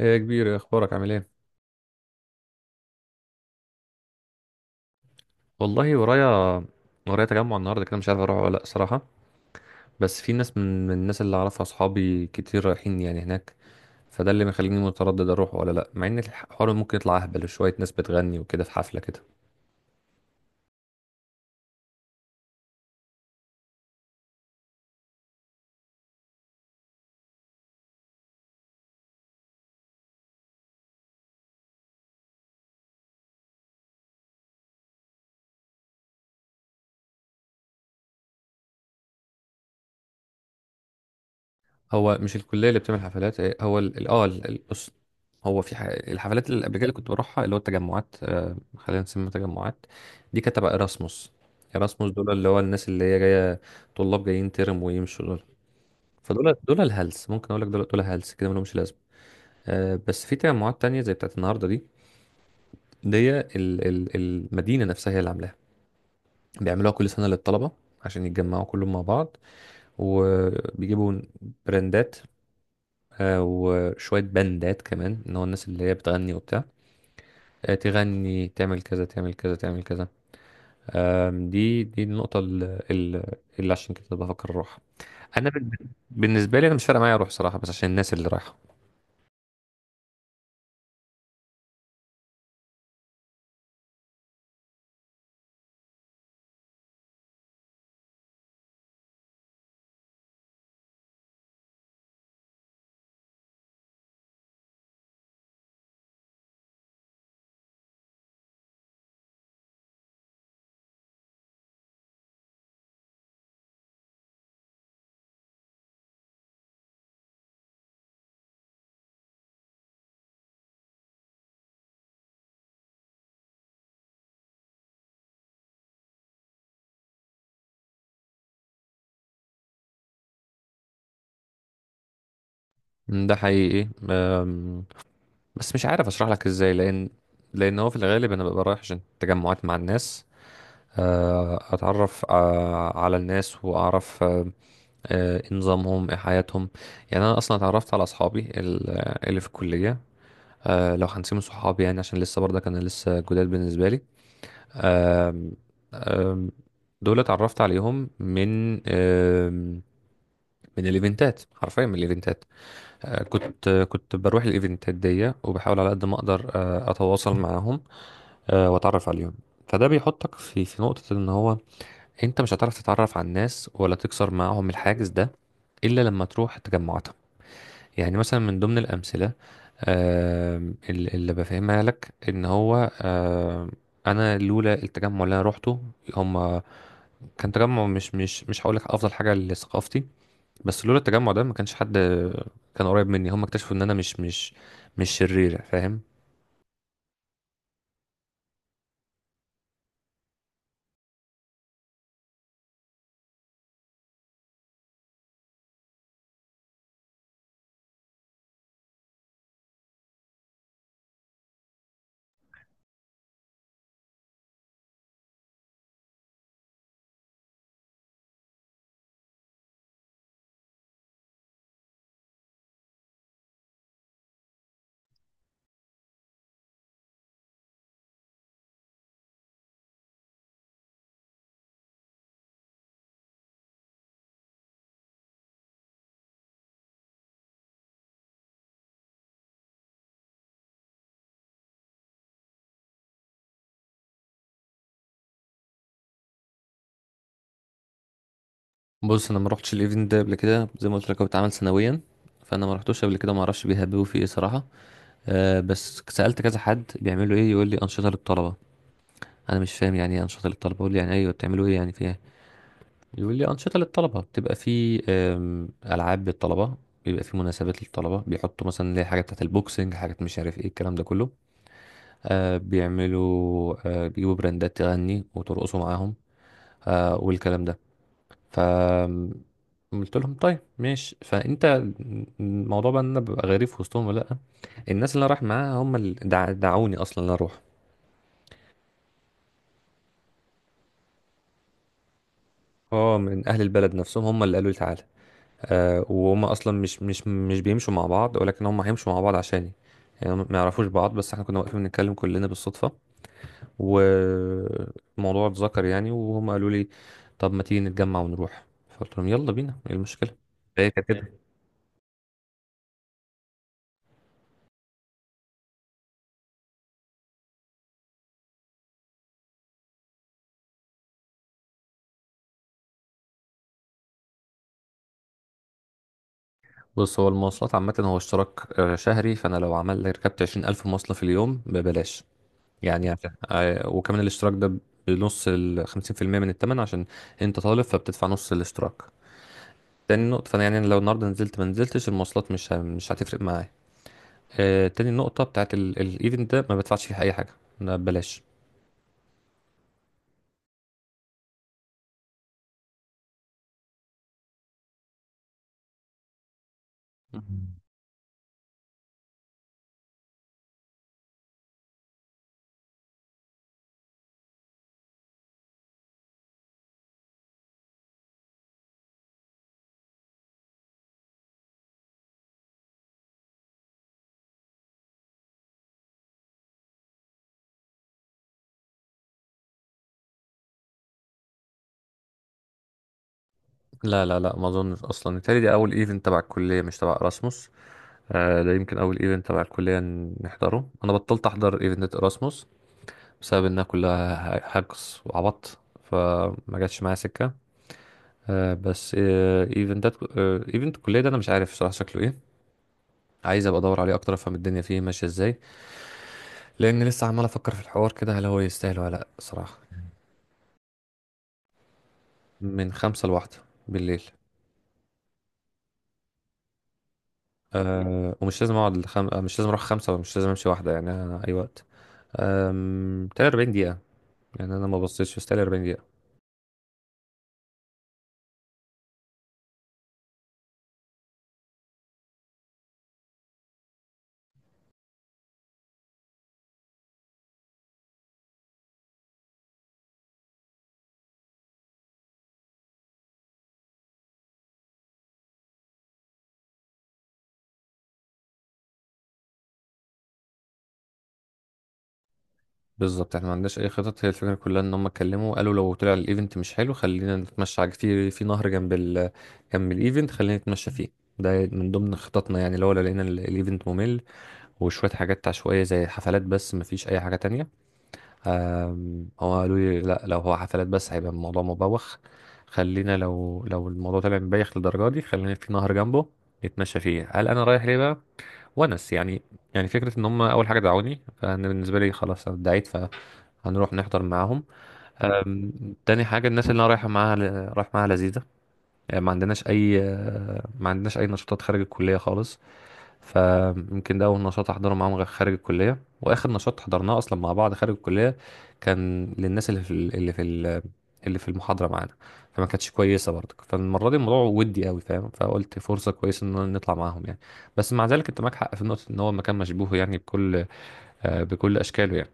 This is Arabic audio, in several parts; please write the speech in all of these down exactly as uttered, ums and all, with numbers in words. ايه يا كبير، إيه اخبارك؟ عامل ايه؟ والله ورايا. ورايا تجمع النهارده كده، مش عارف اروح ولا لا صراحه. بس في ناس من, من الناس اللي اعرفها، اصحابي كتير رايحين يعني هناك. فده اللي مخليني متردد اروح ولا لا، مع ان الحوار ممكن يطلع اهبل شويه، ناس بتغني وكده في حفله كده. هو مش الكليه اللي بتعمل حفلات إيه، هو ال- ال- اه ال- ال- بص. هو في ح... الحفلات اللي قبل كده اللي كنت بروحها، اللي هو التجمعات، آه خلينا نسميها تجمعات. دي كانت تبع ايراسموس. ايراسموس دول اللي هو الناس اللي هي جايه، طلاب جايين ترم ويمشوا. فدول دول الهلس، ممكن اقول لك دول دول هلس كده ملهمش لازمه. آه، بس في تجمعات تانية زي بتاعت النهارده دي. دي ال- ال- المدينه نفسها هي اللي عاملاها، بيعملوها كل سنه للطلبه عشان يتجمعوا كلهم مع بعض، وبيجيبوا براندات. آه وشويه بندات كمان، ان هو الناس اللي هي بتغني وبتاع. آه تغني، تعمل كذا تعمل كذا تعمل كذا. آم، دي دي النقطه ال- ال- اللي عشان كده بفكر اروح. انا بال- بالنسبه لي، انا مش فارقه معايا اروح صراحه، بس عشان الناس اللي رايحه. مم، ده حقيقي، بس مش عارف اشرح لك ازاي، لان لان هو في الغالب انا ببقى رايح عشان تجمعات مع الناس. آه، اتعرف آه، على الناس، واعرف آه، آه، إيه نظامهم، ايه حياتهم. يعني انا اصلا اتعرفت على اصحابي ال- اللي في الكليه. آه، لو هنسيب صحابي يعني، عشان لسه برضه كان لسه جداد بالنسبه لي. آم، آم، دول اتعرفت عليهم من آم، من الايفنتات، حرفيا من الايفنتات. آه، كنت كنت بروح الايفنتات دي، وبحاول على قد ما اقدر آه، اتواصل معاهم آه، واتعرف عليهم. فده بيحطك في في نقطة، ان هو انت مش هتعرف تتعرف على الناس، ولا تكسر معاهم الحاجز ده، الا لما تروح تجمعاتهم. يعني مثلا من ضمن الامثلة، آم، اللي اللي بفهمها لك، ان هو آم، انا لولا التجمع اللي انا روحته، هم كان تجمع مش مش مش هقول لك افضل حاجة لثقافتي، بس لولا التجمع ده ما كانش حد كان قريب مني. هم اكتشفوا ان انا مش مش مش شرير، فاهم؟ بص، انا ما روحتش الايفنت ده قبل كده، زي ما قلت لك هو بيتعمل سنويا، فانا ما رحتوش قبل كده، ما اعرفش بيهببوا فيه ايه صراحه. أه بس سالت كذا حد بيعملوا ايه، يقول لي انشطه للطلبه. انا مش فاهم يعني ايه انشطه للطلبه، اقول له يعني ايوه بتعملوا ايه يعني فيها؟ يقول لي انشطه للطلبه بتبقى في آم، العاب للطلبه، بيبقى في مناسبات للطلبه، بيحطوا مثلا اللي هي حاجات بتاعت البوكسنج، حاجات مش عارف ايه الكلام ده كله. أه بيعملوا، أه بيجيبوا براندات تغني وترقصوا معاهم، أه والكلام ده. ف قلت لهم طيب ماشي، فانت الموضوع بقى ان انا ببقى غريب في وسطهم ولا لا؟ الناس اللي أنا رايح معاها هم اللي دع- دعوني اصلا ان أنا اروح. اه من اهل البلد نفسهم، هم اللي قالوا لي تعالى. آه وهم اصلا مش مش مش بيمشوا مع بعض، ولكن هم هيمشوا مع بعض عشاني. يعني هم ما يعرفوش بعض، بس احنا كنا واقفين بنتكلم كلنا بالصدفة والموضوع اتذكر يعني، وهم قالوا لي طب ما تيجي نتجمع ونروح، فقلت لهم يلا بينا ايه المشكلة. فهي كانت كده. بص، هو المواصلات عامة، هو اشتراك آه، شهري، فأنا لو عمل ركبت عشرين ألف مواصلة في اليوم ببلاش يعني. عشان آه، وكمان الاشتراك ده بنص الخمسين في المية من التمن، عشان أنت طالب فبتدفع نص الاشتراك. تاني نقطة، فأنا يعني لو النهاردة نزلت ما نزلتش المواصلات مش ه- مش هتفرق معايا. آه، تاني نقطة بتاعت ال- الايفنت ده، ما بدفعش فيه أي حاجة، ده ببلاش. مم. لا لا لا، ما اظنش اصلا، التالي دي اول ايفنت تبع الكليه، مش تبع erasmus. آه ده يمكن اول ايفنت تبع الكليه نحضره، انا بطلت احضر ايفنت erasmus بسبب انها كلها حجز وعبط، فما جاتش معايا سكه. آه، بس آه، ايفنتات، آه، ايفنت الكليه ده انا مش عارف صراحه شكله ايه، عايز ابقى ادور عليه اكتر، افهم الدنيا فيه ماشيه ازاي، لان لسه عمال افكر في الحوار كده هل هو يستاهل ولا لا صراحه. من خمسة لواحدة بالليل. أه ومش لازم اقعد لخم... آه، مش لازم اروح خمسة، ومش لازم امشي واحدة، يعني أنا اي وقت. أم... تلاتة واربعين دقيقة، يعني انا ما بصيتش، بس تلاتة واربعين دقيقة. بالظبط احنا ما عندناش اي خطط، هي الفكره كلها ان هم اتكلموا قالوا لو طلع الايفنت مش حلو خلينا نتمشى على في في نهر جنب ال جنب الايفنت، خلينا نتمشى فيه. ده من ضمن خططنا، يعني لو لو لقينا ال- الايفنت ممل وشويه حاجات عشوائيه زي حفلات بس، ما فيش اي حاجه تانية. آم، هو قالوا لي لا لو هو حفلات بس هيبقى الموضوع مبوخ، خلينا لو لو الموضوع طلع مبايخ للدرجه دي خلينا في نهر جنبه نتمشى فيه. هل انا رايح ليه بقى؟ ونس يعني، يعني فكرة ان هم اول حاجة دعوني. فانا بالنسبة لي خلاص أنا اتدعيت فهنروح نحضر معاهم. أم، تاني حاجة الناس اللي انا رايحة معاها ل- رايح معاها لذيذة. يعني ما عندناش اي ما عندناش اي نشاطات خارج الكلية خالص. فيمكن ده اول نشاط احضره معاهم غ- خارج الكليه، واخر نشاط حضرناه اصلا مع بعض خارج الكليه كان للناس اللي في ال- اللي في ال- اللي في المحاضره معانا. فما كانتش كويسه برضه، فالمره دي الموضوع ودي قوي فاهم، فقلت فرصه كويسه ان نطلع معاهم يعني. بس مع ذلك انت معاك حق في نقطه ان هو مكان مشبوه يعني بكل آه، بكل اشكاله يعني.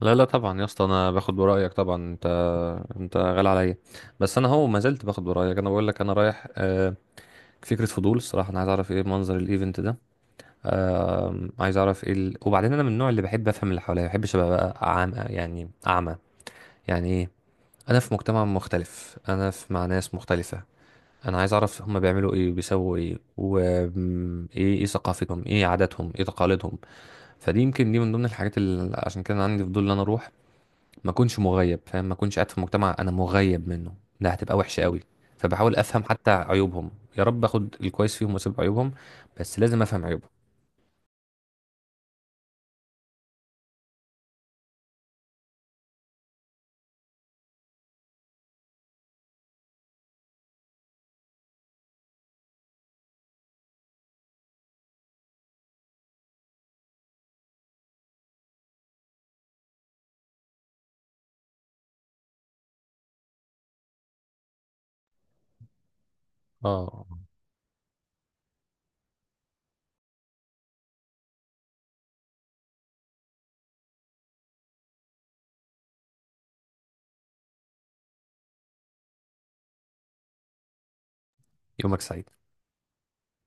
لا لا، طبعا يا اسطى، انا باخد برايك طبعا، انت انت غالي عليا. بس انا هو ما زلت باخد برايك، انا بقول لك انا رايح آه، فكرة فضول الصراحة، أنا عايز أعرف إيه منظر الإيفنت ده. آه عايز اعرف ايه ال... وبعدين انا من النوع اللي بحب افهم اللي حواليا، ما بحبش ابقى بقى عام يعني، اعمى يعني. ايه، انا في مجتمع مختلف، انا في مع ناس مختلفة. انا عايز اعرف هم بيعملوا ايه، بيسووا ايه، وايه ايه إيه ثقافتهم، ايه عاداتهم، ايه تقاليدهم. فدي يمكن دي من ضمن الحاجات اللي عشان كده أنا عندي فضول ان انا اروح، ما اكونش مغيب، فاهم؟ ما اكونش قاعد في مجتمع انا مغيب منه، ده هتبقى وحشة قوي. فبحاول افهم حتى عيوبهم، يا رب اخد الكويس فيهم واسيب عيوبهم، بس لازم افهم عيوبهم. اه يومك سعيد.